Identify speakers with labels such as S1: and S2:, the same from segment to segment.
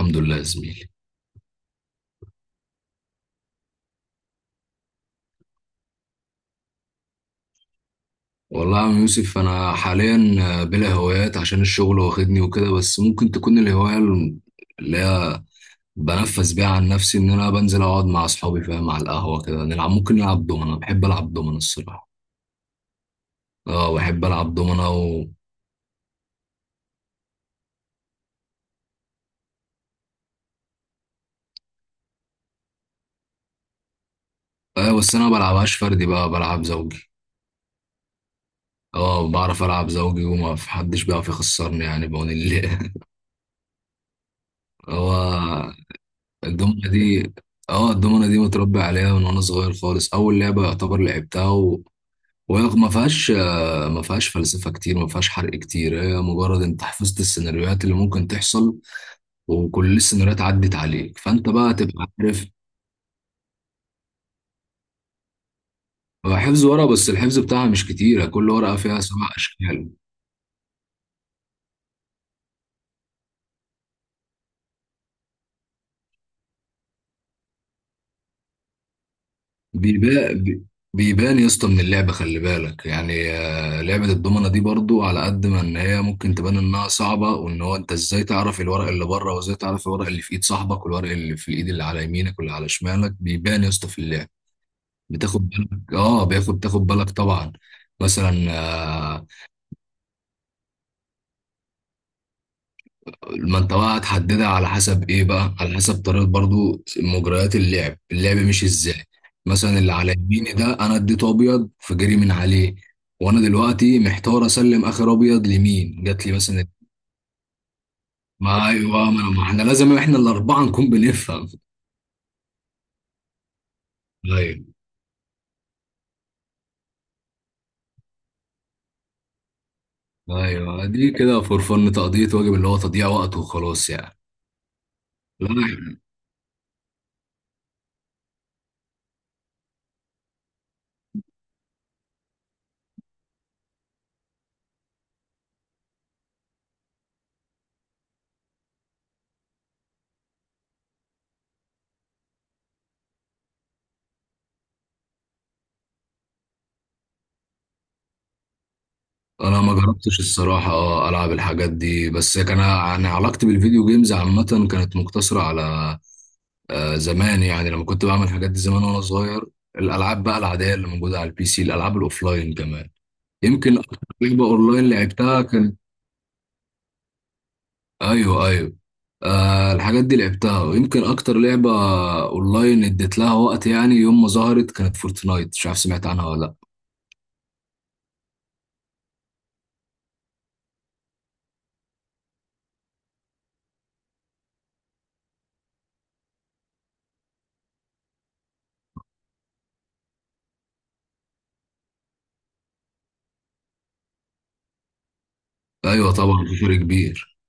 S1: الحمد لله يا زميلي. والله يا عم يوسف انا حاليا بلا هوايات عشان الشغل واخدني وكده، بس ممكن تكون الهوايه اللي هي بنفس بيها. عن نفسي ان انا بنزل اقعد مع اصحابي، فاهم، على القهوه كده نلعب، ممكن نلعب دومنه. بحب العب دومنه الصراحه. اه بحب العب دومنه آه بس انا ما بلعبهاش فردي بقى، بلعب زوجي. اه بعرف العب زوجي، وما في حدش بيعرف يخسرني يعني، بعون الله. هو الدومنه دي، اه الدومنة دي متربي عليها من وانا صغير خالص، اول لعبة يعتبر لعبتها. وهي ما فيهاش ما فيهاش فلسفة كتير، ما فيهاش حرق كتير، هي مجرد انت حفظت السيناريوهات اللي ممكن تحصل. وكل السيناريوهات عدت عليك فانت بقى تبقى عارف. هو حفظ ورقة، بس الحفظ بتاعها مش كتير، كل ورقة فيها سبع أشكال. بيبان بيبان يا اسطى من اللعبة، خلي بالك يعني. لعبة الضمنة دي برضو، على قد ما ان هي ممكن تبان انها صعبة، وان هو انت ازاي تعرف الورق اللي بره، وازاي تعرف الورق اللي في ايد صاحبك، والورق اللي في الايد اللي على يمينك واللي على شمالك، بيبان يا اسطى في اللعب. بتاخد بالك، اه بياخد تاخد بالك طبعا. مثلا آه، ما انت بقى هتحددها على حسب ايه، بقى على حسب طريقه برضو مجريات اللعب، اللعب مش ازاي. مثلا اللي على يميني ده انا اديته ابيض، فجري من عليه. وانا دلوقتي محتار اسلم اخر ابيض لمين، جات لي مثلا. ما ايوه، ما احنا لازم احنا الاربعه نكون بنفهم. ايوه، ايوه، دي كده فور فن، تقضيه واجب اللي هو تضييع وقت وخلاص يعني. لا انا ما جربتش الصراحه، اه العب الحاجات دي، بس كان انا علاقتي بالفيديو جيمز عامه كانت مقتصره على زمان يعني، لما كنت بعمل الحاجات دي زمان وانا صغير. الالعاب بقى العاديه اللي موجوده على البي سي، الالعاب الاوفلاين كمان. يمكن اكتر لعبه اونلاين لعبتها كانت، ايوه ايوه. آه الحاجات دي لعبتها، ويمكن اكتر لعبه اونلاين اديت لها وقت يعني، يوم ما ظهرت كانت فورتنايت، مش عارف سمعت عنها ولا. لا ايوه طبعا في فرق كبير.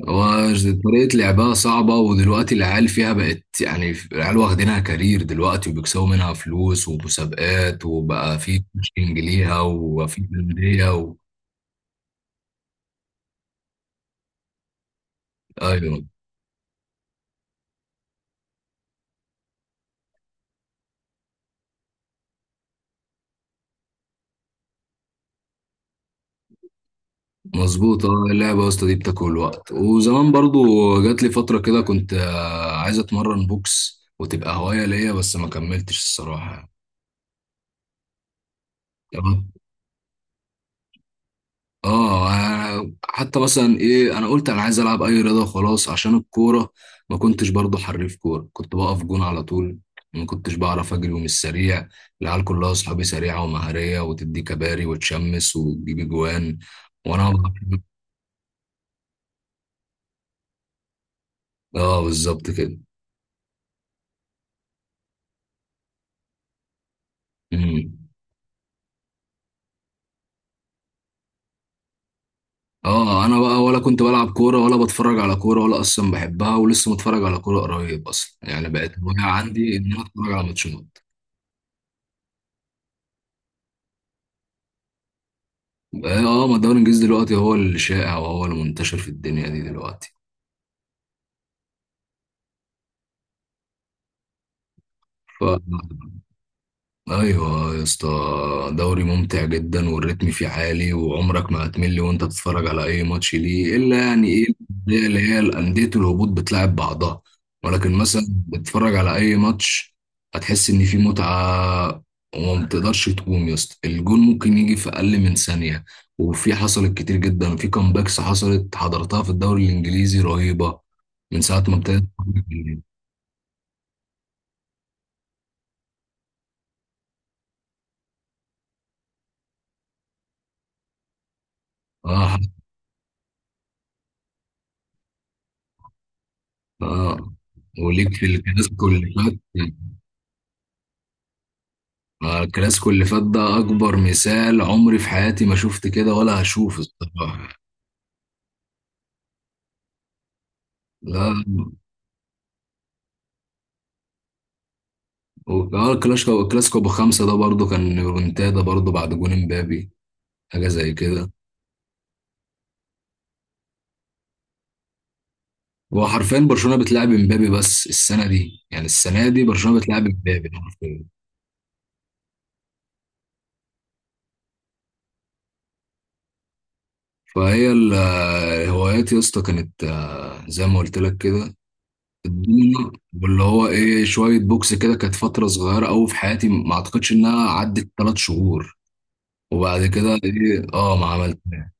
S1: وطريقة لعبها صعبة، ودلوقتي العيال فيها بقت يعني العيال واخدينها كارير دلوقتي، وبيكسبوا منها فلوس ومسابقات، وبقى في كوتشنج ليها، وبقى في أندية أيوه مظبوط. اه اللعبة يا اسطى دي بتاكل وقت وزمان برضو. جات لي فترة كده كنت عايز أتمرن بوكس وتبقى هواية ليا، بس ما كملتش الصراحة. اه حتى مثلا ايه، انا قلت انا عايز العب اي رياضه وخلاص عشان الكوره. ما كنتش برضو حريف كوره، كنت بقف جون على طول. ما كنتش بعرف اجري ومش سريع. العيال كلها اصحابي سريعه ومهاريه، وتدي كباري وتشمس وتجيب جوان. وانا مم. بقى- اه بالظبط كده. امم. اه انا بقى ولا كنت بلعب كوره، ولا بتفرج على كوره، ولا اصلا بحبها، ولسه متفرج على كوره قريب اصلا يعني، بقت هوايه عندي ان انا اتفرج على ماتشات. اه ما الدوري الانجليزي دلوقتي هو الشائع وهو المنتشر في الدنيا دي دلوقتي. ف ايوه يا اسطى، دوري ممتع جدا، والريتم فيه عالي، وعمرك ما هتمل وانت تتفرج على اي ماتش ليه، الا يعني ايه الأندية اللي هي الانديه الهبوط بتلعب بعضها. ولكن مثلا بتتفرج على اي ماتش، هتحس ان في متعه. وما بتقدرش تقوم يا اسطى، الجون ممكن يجي في اقل من ثانيه. وفي حصلت كتير جدا، في كامباكس حصلت حضرتها في الدوري الانجليزي رهيبه من ساعه ما ابتدت. اه اه وليك في الكلاسيكو اللي فات. الكلاسيكو اللي فات ده اكبر مثال، عمري في حياتي ما شفت كده ولا هشوف الصراحه. لا، الكلاسيكو بخمسه ده برضو كان ريمونتادا برضو، بعد جون امبابي، حاجه زي كده. هو حرفيا برشلونه بتلعب امبابي بس السنه دي، يعني السنه دي برشلونه بتلعب امبابي حرفيا. فهي ال- الهوايات يا اسطى كانت زي ما قلت لك كده. الدنيا واللي هو ايه، شويه بوكس كده كانت فتره صغيره قوي في حياتي، ما اعتقدش انها عدت 3 شهور. وبعد كده ايه، اه ما عملتها.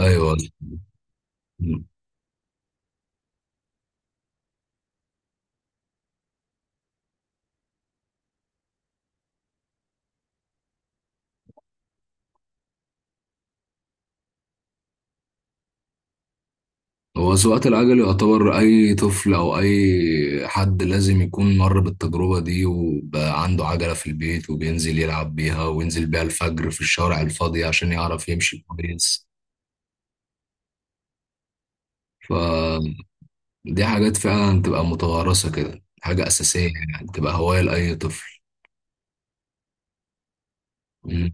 S1: ايوه. هو سواقة العجل يعتبر اي طفل او اي حد لازم يكون مر بالتجربة دي، وبقى عنده عجلة في البيت وبينزل يلعب بيها، وينزل بيها الفجر في الشوارع الفاضية عشان يعرف يمشي كويس. فدي حاجات فعلا تبقى متوارثة كده، حاجة أساسية يعني، تبقى هواية لأي طفل. مم.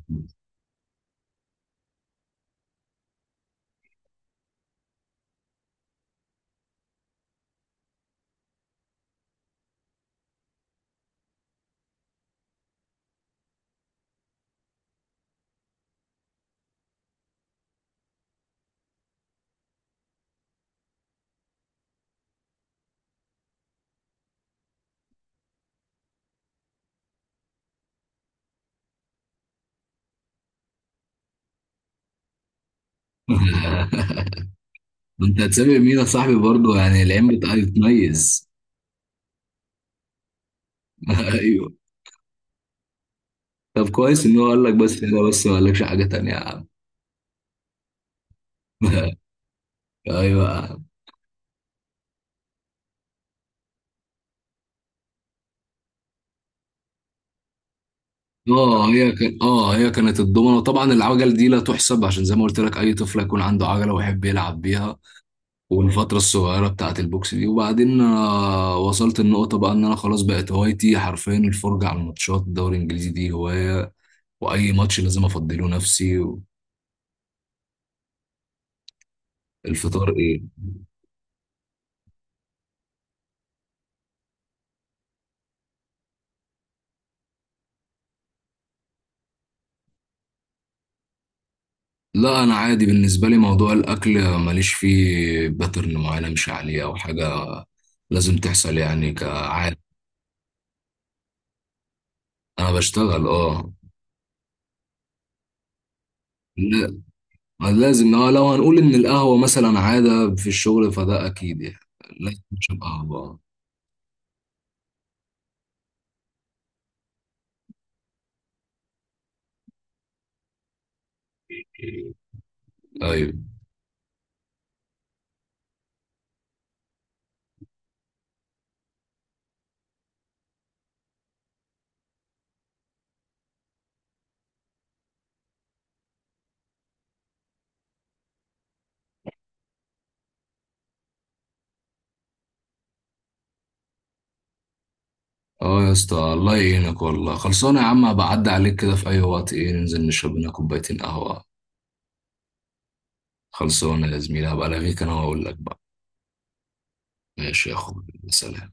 S1: انت هتسابق مين يا صاحبي برضه، يعني العين بتميز. طب كويس ان هو قال لك بس كده، بس ما قالكش حاجه تانية يا عم. ايوه يا عم. اه هي كان اه هي كانت الضمنه، وطبعا العجل دي لا تحسب، عشان زي ما قلت لك اي طفل يكون عنده عجله ويحب يلعب بيها. والفتره الصغيره بتاعه البوكس دي، وبعدين وصلت النقطه بقى ان انا خلاص بقت هوايتي حرفيا الفرجه على الماتشات، الدوري الانجليزي دي هوايه، واي ماتش لازم افضله نفسي. الفطار ايه؟ لا انا عادي، بالنسبه لي موضوع الاكل ماليش فيه باترن معينه مش عليه او حاجه لازم تحصل يعني كعادة. أنا بشتغل أه. لا، لازم أه، لو هنقول إن القهوة مثلا عادة في الشغل فده أكيد يعني، لازم أشرب قهوة. أيوه. أه يا اسطى الله يعينك والله. خلصانة يا عم، هبقى أعدي عليك كده في أي وقت، إيه ننزل نشرب لنا كوبايتين قهوة. خلصانة يا زميلي، هبقى ألاغيك أنا وأقول لك بقى. ماشي يا أخوي، سلام.